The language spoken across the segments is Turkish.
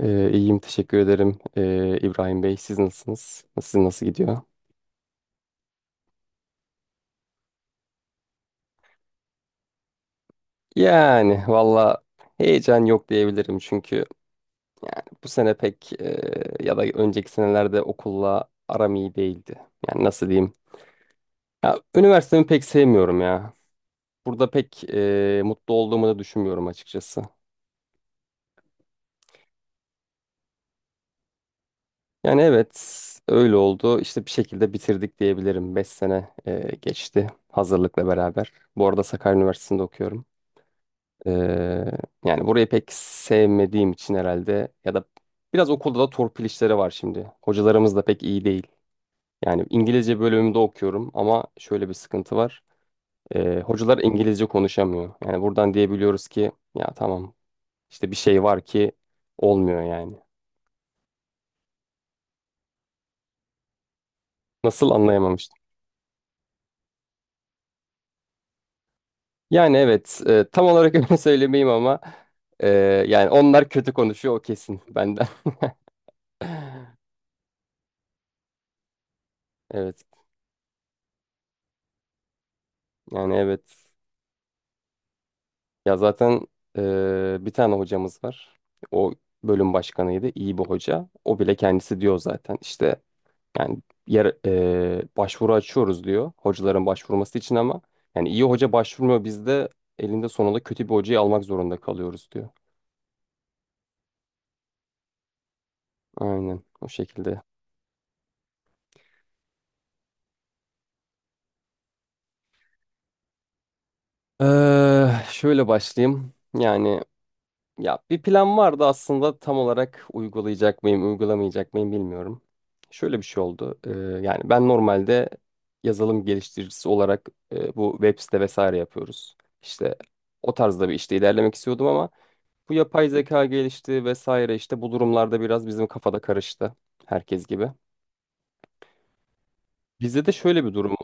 İyiyim teşekkür ederim, İbrahim Bey. Siz nasılsınız? Sizin nasıl gidiyor? Yani valla heyecan yok diyebilirim, çünkü yani bu sene pek, ya da önceki senelerde okulla aram iyi değildi. Yani nasıl diyeyim? Ya, üniversitemi pek sevmiyorum ya. Burada pek mutlu olduğumu da düşünmüyorum açıkçası. Yani evet, öyle oldu. İşte bir şekilde bitirdik diyebilirim. 5 sene geçti, hazırlıkla beraber. Bu arada Sakarya Üniversitesi'nde okuyorum. Ee, Yani burayı pek sevmediğim için herhalde, ya da biraz okulda da torpil işleri var şimdi. Hocalarımız da pek iyi değil. Yani İngilizce bölümümde okuyorum ama şöyle bir sıkıntı var. Hocalar İngilizce konuşamıyor. Yani buradan diyebiliyoruz ki ya tamam, işte bir şey var ki olmuyor yani. Nasıl anlayamamıştım. Yani evet, tam olarak öyle söylemeyeyim ama e, yani onlar kötü konuşuyor, o kesin, benden. Evet, yani evet. Ya zaten bir tane hocamız var. O bölüm başkanıydı. İyi bir hoca. O bile kendisi diyor zaten. İşte yani, başvuru açıyoruz diyor. Hocaların başvurması için ama yani iyi hoca başvurmuyor. Biz de elinde sonunda kötü bir hocayı almak zorunda kalıyoruz diyor. Aynen o şekilde. Şöyle başlayayım. Yani ya, bir plan vardı aslında, tam olarak uygulayacak mıyım, uygulamayacak mıyım bilmiyorum. Şöyle bir şey oldu. Yani ben normalde yazılım geliştiricisi olarak, bu web site vesaire yapıyoruz. İşte o tarzda bir işte ilerlemek istiyordum ama bu yapay zeka gelişti vesaire, işte bu durumlarda biraz bizim kafada karıştı, herkes gibi. Bizde de şöyle bir durum.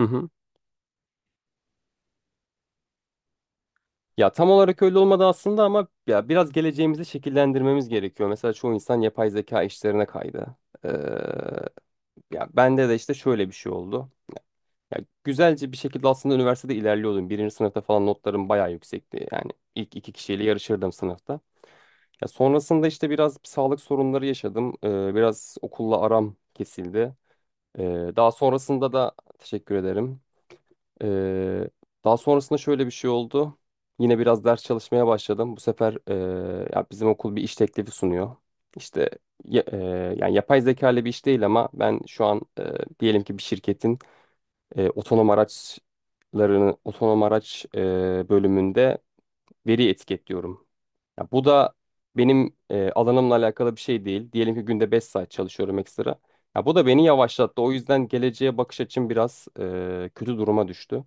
Hı hı. Ya tam olarak öyle olmadı aslında ama ya biraz geleceğimizi şekillendirmemiz gerekiyor. Mesela çoğu insan yapay zeka işlerine kaydı. Ya bende de işte şöyle bir şey oldu. Ya güzelce bir şekilde aslında üniversitede ilerliyordum. Birinci sınıfta falan notlarım bayağı yüksekti. Yani ilk iki kişiyle yarışırdım sınıfta. Ya sonrasında işte biraz sağlık sorunları yaşadım. Biraz okulla aram kesildi. Daha sonrasında da. Teşekkür ederim. Ee, Daha sonrasında şöyle bir şey oldu. Yine biraz ders çalışmaya başladım. Bu sefer ya bizim okul bir iş teklifi sunuyor. İşte ya- e, yani yapay zeka ile bir iş değil ama ben şu an, diyelim ki bir şirketin, otonom araçlarını, otonom araç bölümünde veri etiketliyorum. Ya bu da benim alanımla alakalı bir şey değil. Diyelim ki günde 5 saat çalışıyorum ekstra. Ya bu da beni yavaşlattı. O yüzden geleceğe bakış açım biraz kötü duruma düştü.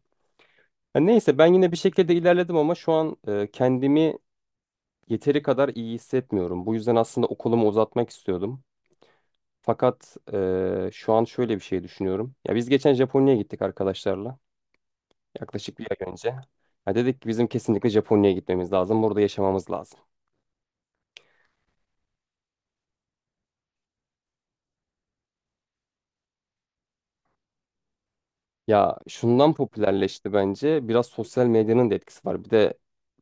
Ya neyse, ben yine bir şekilde ilerledim ama şu an kendimi yeteri kadar iyi hissetmiyorum. Bu yüzden aslında okulumu uzatmak istiyordum. Fakat şu an şöyle bir şey düşünüyorum. Ya biz geçen Japonya'ya gittik arkadaşlarla. Yaklaşık bir ay önce. Ya dedik ki bizim kesinlikle Japonya'ya gitmemiz lazım. Burada yaşamamız lazım. Ya şundan popülerleşti bence. Biraz sosyal medyanın da etkisi var. Bir de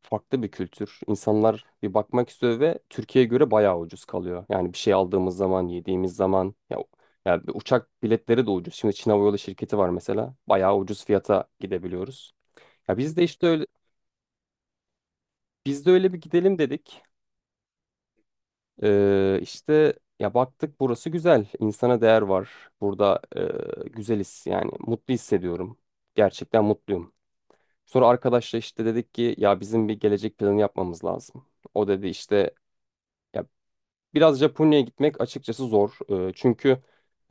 farklı bir kültür. İnsanlar bir bakmak istiyor ve Türkiye'ye göre bayağı ucuz kalıyor. Yani bir şey aldığımız zaman, yediğimiz zaman ya, ya bir uçak biletleri de ucuz. Şimdi Çin Hava Yolu şirketi var mesela. Bayağı ucuz fiyata gidebiliyoruz. Ya biz de işte öyle Biz de öyle bir gidelim dedik. Ee, işte Ya baktık, burası güzel. İnsana değer var. Burada güzeliz yani. Mutlu hissediyorum. Gerçekten mutluyum. Sonra arkadaşla işte dedik ki ya bizim bir gelecek planı yapmamız lazım. O dedi işte, ya biraz Japonya'ya gitmek açıkçası zor. Çünkü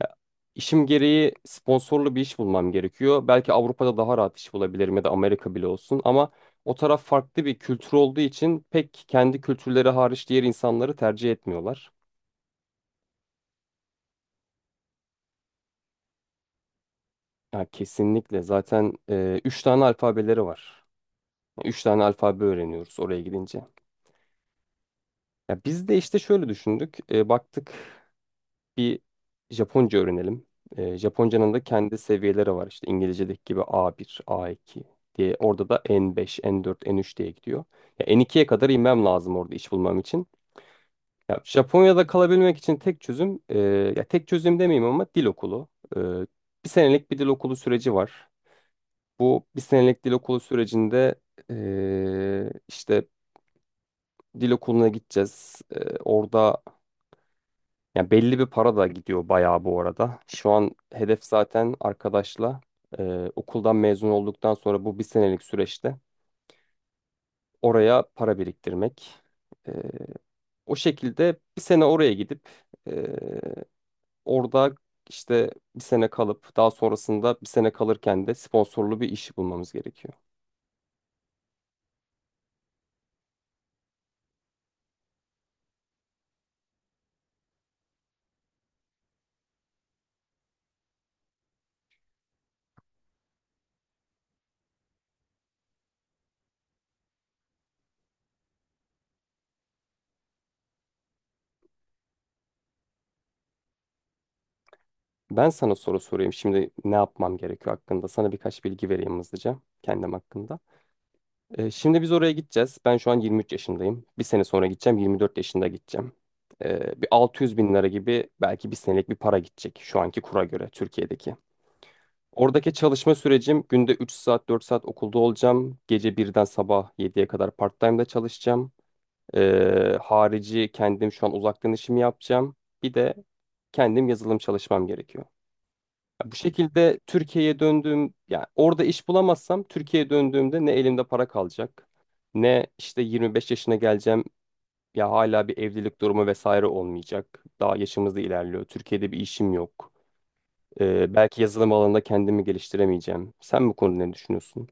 ya, işim gereği sponsorlu bir iş bulmam gerekiyor. Belki Avrupa'da daha rahat iş bulabilirim ya da Amerika bile olsun ama o taraf farklı bir kültür olduğu için pek, kendi kültürleri hariç, diğer insanları tercih etmiyorlar. Ya kesinlikle. Zaten üç tane alfabeleri var. Üç tane alfabe öğreniyoruz oraya gidince. Ya biz de işte şöyle düşündük. Baktık, bir Japonca öğrenelim. Japonca'nın da kendi seviyeleri var. İşte İngilizce'deki gibi A1, A2 diye. Orada da N5, N4, N3 diye gidiyor. Ya N2'ye kadar inmem lazım orada iş bulmam için. Ya Japonya'da kalabilmek için tek çözüm, ya tek çözüm demeyeyim ama, dil okulu. E, Bir senelik bir dil okulu süreci var. Bu bir senelik dil okulu sürecinde işte dil okuluna gideceğiz. Orada, yani belli bir para da gidiyor bayağı, bu arada. Şu an hedef zaten arkadaşla, okuldan mezun olduktan sonra bu bir senelik süreçte oraya para biriktirmek. Eee, O şekilde bir sene oraya gidip, eee, orada işte bir sene kalıp, daha sonrasında bir sene kalırken de sponsorlu bir işi bulmamız gerekiyor. Ben sana soru sorayım. Şimdi ne yapmam gerekiyor hakkında? Sana birkaç bilgi vereyim hızlıca kendim hakkında. Şimdi biz oraya gideceğiz. Ben şu an 23 yaşındayım. Bir sene sonra gideceğim. 24 yaşında gideceğim. Bir 600 bin lira gibi belki, bir senelik bir para gidecek, şu anki kura göre, Türkiye'deki. Oradaki çalışma sürecim, günde 3 saat 4 saat okulda olacağım. Gece birden sabah 7'ye kadar part-time'da çalışacağım. Harici, kendim şu an uzaktan işimi yapacağım. Bir de kendim yazılım çalışmam gerekiyor. Ya bu şekilde Türkiye'ye döndüğüm, yani orada iş bulamazsam Türkiye'ye döndüğümde, ne elimde para kalacak, ne işte 25 yaşına geleceğim, ya hala bir evlilik durumu vesaire olmayacak. Daha yaşımız da ilerliyor. Türkiye'de bir işim yok. Belki yazılım alanında kendimi geliştiremeyeceğim. Sen bu konuda ne düşünüyorsun?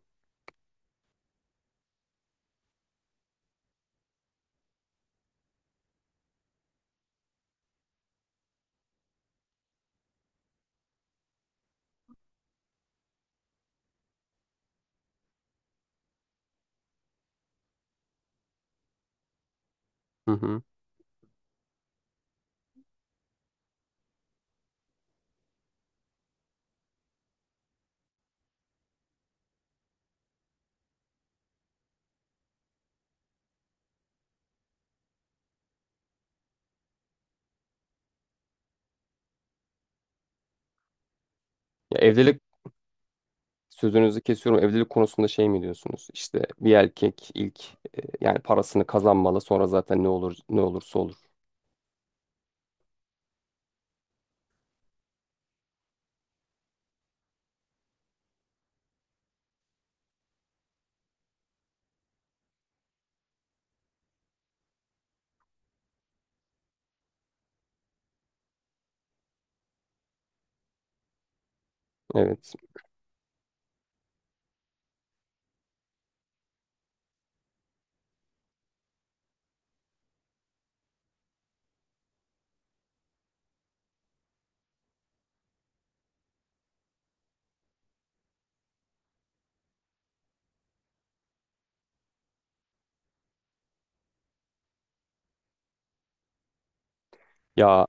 Hı hı. Ya evlilik Sözünüzü kesiyorum. Evlilik konusunda şey mi diyorsunuz? İşte bir erkek ilk yani parasını kazanmalı, sonra zaten ne olur ne olursa olur. Evet. Ya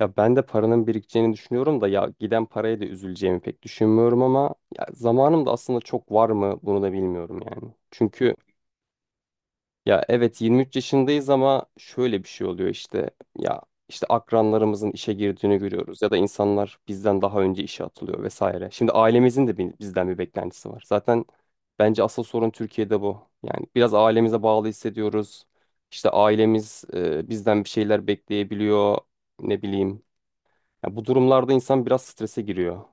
Ya ben de paranın birikeceğini düşünüyorum da, ya giden paraya da üzüleceğimi pek düşünmüyorum ama, ya zamanım da aslında çok var mı, bunu da bilmiyorum yani. Çünkü ya evet, 23 yaşındayız ama şöyle bir şey oluyor işte, ya işte akranlarımızın işe girdiğini görüyoruz ya da insanlar bizden daha önce işe atılıyor vesaire. Şimdi ailemizin de bizden bir beklentisi var. Zaten bence asıl sorun Türkiye'de bu. Yani biraz ailemize bağlı hissediyoruz. İşte ailemiz bizden bir şeyler bekleyebiliyor, ne bileyim, ya bu durumlarda insan biraz strese giriyor.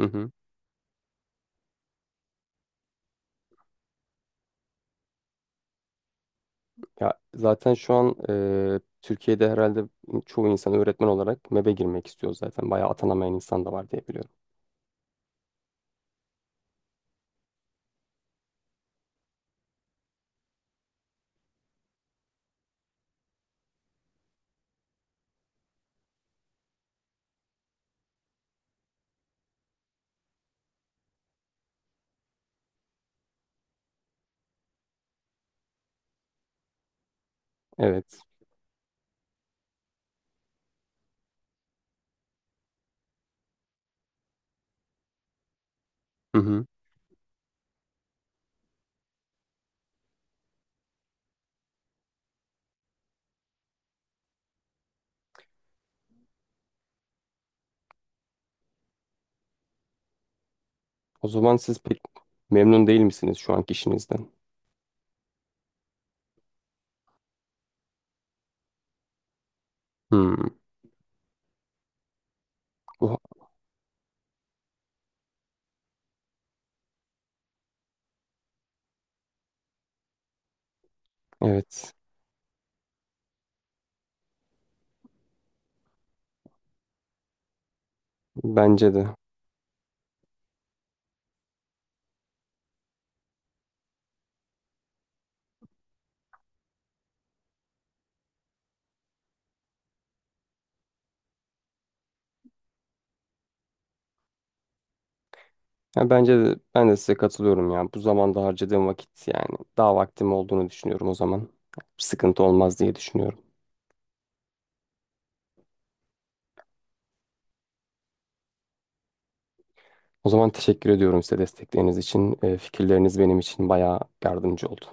Hı hı. Ya zaten şu an Türkiye'de herhalde çoğu insan öğretmen olarak MEB'e girmek istiyor zaten. Bayağı atanamayan insan da var diye biliyorum. Evet. Hı hı. O zaman siz pek memnun değil misiniz şu anki işinizden? Hmm. Bu- Evet. Bence de. Ya bence de, ben de size katılıyorum ya. Bu zamanda harcadığım vakit, yani daha vaktim olduğunu düşünüyorum o zaman. Sıkıntı olmaz diye düşünüyorum. O zaman teşekkür ediyorum size destekleriniz için. Fikirleriniz benim için bayağı yardımcı oldu.